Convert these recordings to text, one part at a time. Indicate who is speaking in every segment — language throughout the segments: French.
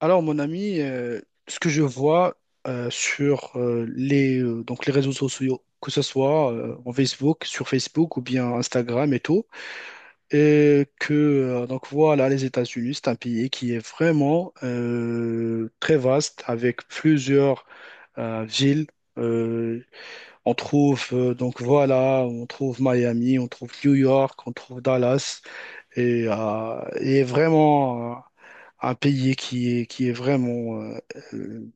Speaker 1: Alors, mon ami, ce que je vois sur donc les réseaux sociaux, que ce soit en Facebook, sur Facebook ou bien Instagram et tout, et que donc voilà, les États-Unis, c'est un pays qui est vraiment très vaste avec plusieurs villes. Euh, on trouve donc voilà, on trouve Miami, on trouve New York, on trouve Dallas et est vraiment un pays qui est vraiment euh,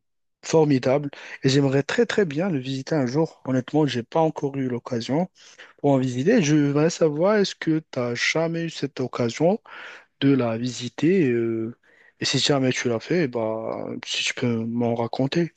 Speaker 1: formidable. Et j'aimerais très très bien le visiter un jour. Honnêtement, j'ai pas encore eu l'occasion pour en visiter. Je voudrais savoir, est-ce que tu as jamais eu cette occasion de la visiter? Et si jamais tu l'as fait, bah, si tu peux m'en raconter.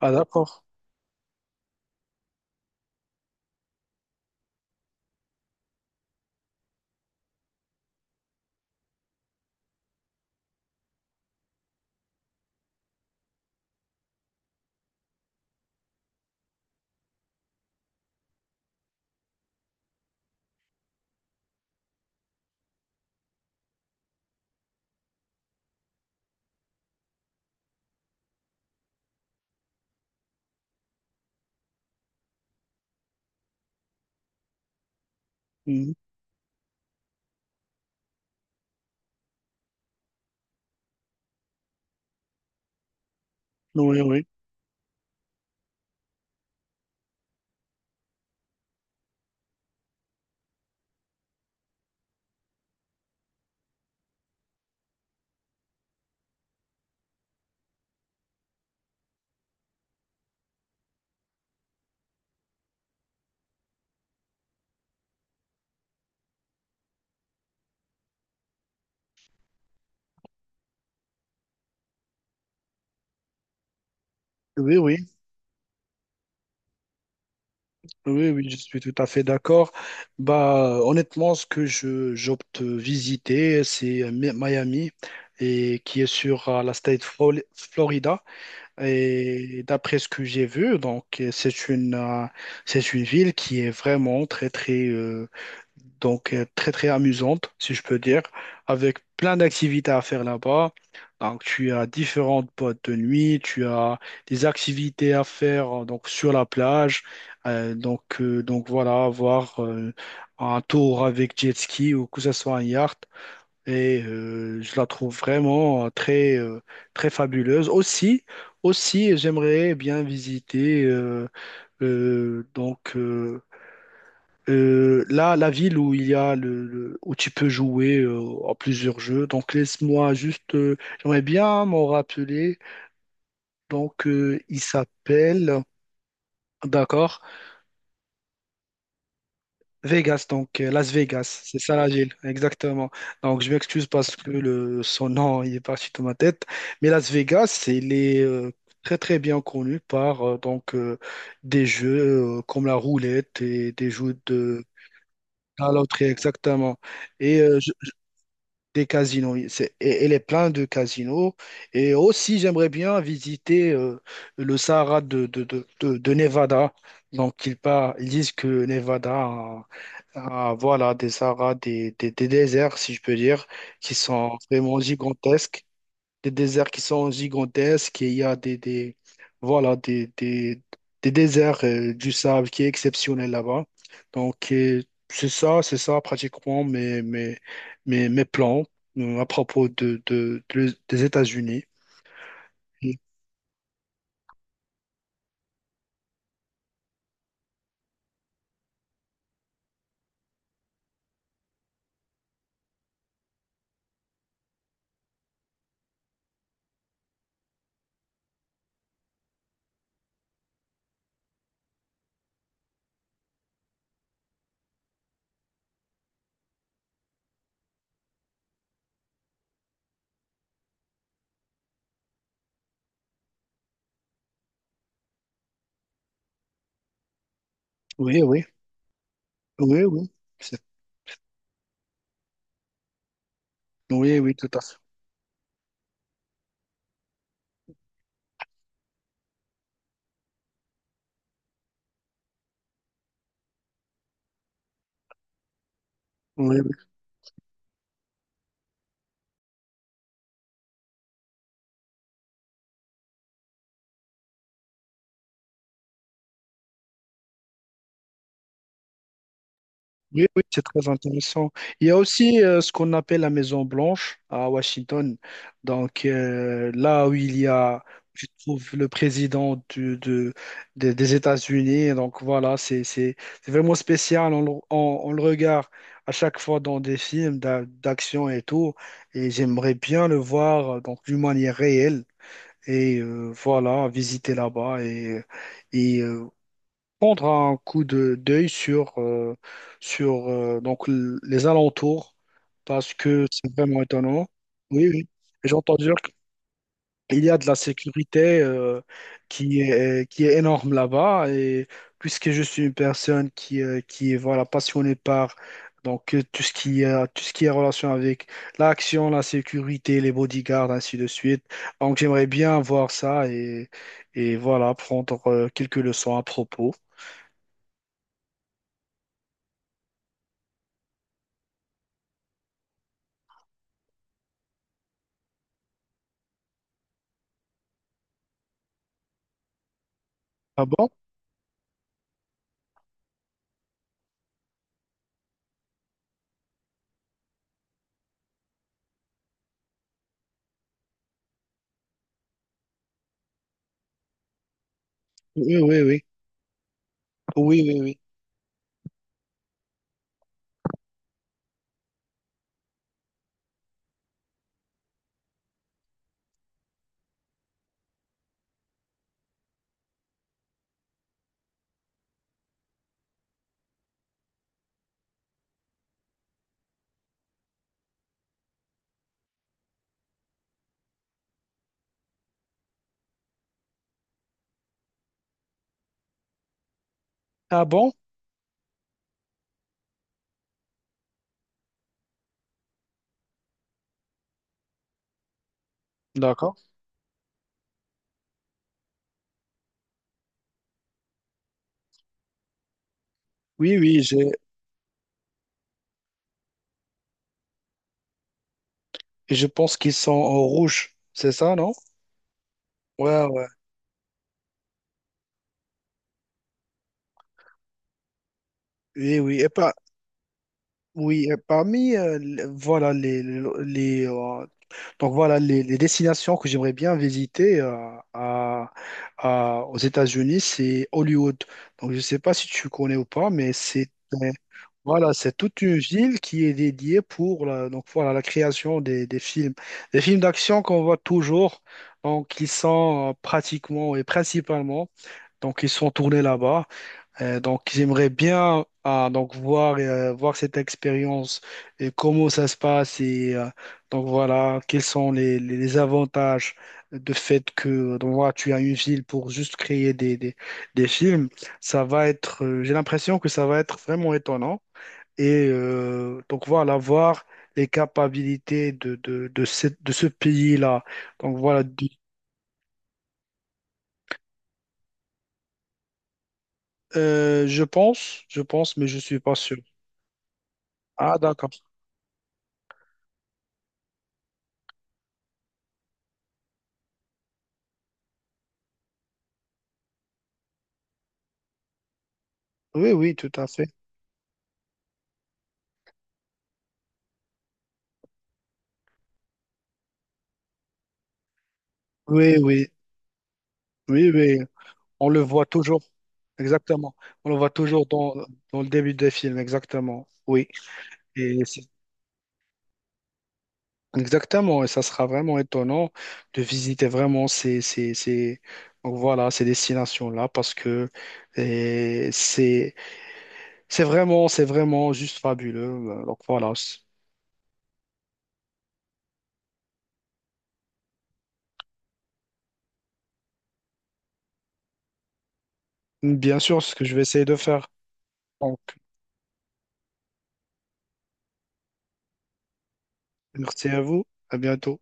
Speaker 1: Ah, d'accord. Mhm. Oui, oui. Oui, oui. Oui, oui, je suis tout à fait d'accord. Bah, honnêtement, ce que je j'opte visiter, c'est Miami et qui est sur la state Florida. Et d'après ce que j'ai vu, donc c'est une ville qui est vraiment très très très très amusante, si je peux dire, avec plein d'activités à faire là-bas. Donc tu as différentes boîtes de nuit, tu as des activités à faire donc sur la plage. Donc voilà, avoir un tour avec jet ski ou que ce soit un yacht. Et je la trouve vraiment très fabuleuse. Aussi, aussi j'aimerais bien visiter euh, donc euh, là, la ville où il y a où tu peux jouer à plusieurs jeux. Donc laisse-moi juste, j'aimerais bien m'en rappeler. Il s'appelle, d'accord, Vegas. Donc Las Vegas, c'est ça la ville, exactement. Donc je m'excuse parce que le son nom il est parti de ma tête, mais Las Vegas, il est très très bien connu par des jeux comme la roulette et des jeux de la loterie, exactement. Et euh, Des casinos, oui. C'est, elle est pleine de casinos. Et aussi, j'aimerais bien visiter le Sahara de Nevada. Donc, ils disent que Nevada a, voilà, des Sahara, des déserts, si je peux dire, qui sont vraiment gigantesques, des déserts qui sont gigantesques et il y a voilà, des déserts du sable qui est exceptionnel là-bas. Donc, c'est ça pratiquement mes plans à propos des États-Unis. Oui, oui, oui, oui. C'est- Oui, oui, tout à fait. Oui. Oui, oui, c'est très intéressant. Il y a aussi ce qu'on appelle la Maison Blanche à Washington. Là où il y a, je trouve, le président des États-Unis. Donc voilà, c'est vraiment spécial. On le regarde à chaque fois dans des films d'action et tout. Et j'aimerais bien le voir donc d'une manière réelle. Et voilà, visiter là-bas et, et euh, prendre un coup de d'œil sur, donc, les alentours parce que c'est vraiment étonnant. Oui, oui. Et j'entends dire qu'il y a de la sécurité qui est énorme là-bas et puisque je suis une personne qui est voilà, passionnée par donc, tout ce qui a, tout ce qui est relation avec l'action, la sécurité, les bodyguards, ainsi de suite. Donc j'aimerais bien voir ça et voilà, prendre quelques leçons à propos. Ah bon? Oui, oui, oui. Oui, oui, oui. Ah bon? D'accord. Oui, oui, je pense qu'ils sont en rouge. C'est ça, non? Ouais, ouais. Oui, oui. Oui, et parmi, voilà, les, euh, donc voilà, les destinations que j'aimerais bien visiter à, aux États-Unis, c'est Hollywood. Donc, je sais pas si tu connais ou pas, mais c'est voilà, c'est toute une ville qui est dédiée pour la, donc voilà, la création des films. Des films d'action qu'on voit toujours, donc ils sont pratiquement et principalement, donc ils sont tournés là-bas. Donc j'aimerais bien ah, donc voir, voir cette expérience et comment ça se passe et donc voilà, quels sont les avantages de fait que donc, voilà, tu as une ville pour juste créer des films. Ça va être, j'ai l'impression que ça va être vraiment étonnant. Et donc voilà, voir les capacités de ce pays-là. Donc voilà, je pense, mais je suis pas sûr. Ah, d'accord. Oui, oui, tout à fait. Oui, oui, oui, oui. On le voit toujours, exactement. On le voit toujours dans, dans le début des films, exactement. Oui. Et c'est- exactement. Et ça sera vraiment étonnant de visiter vraiment donc voilà, ces destinations-là parce que et c'est c'est vraiment, c'est vraiment juste fabuleux. Euh, Donc voilà, Bien sûr, ce que je vais essayer de faire. Donc, merci à vous, à bientôt.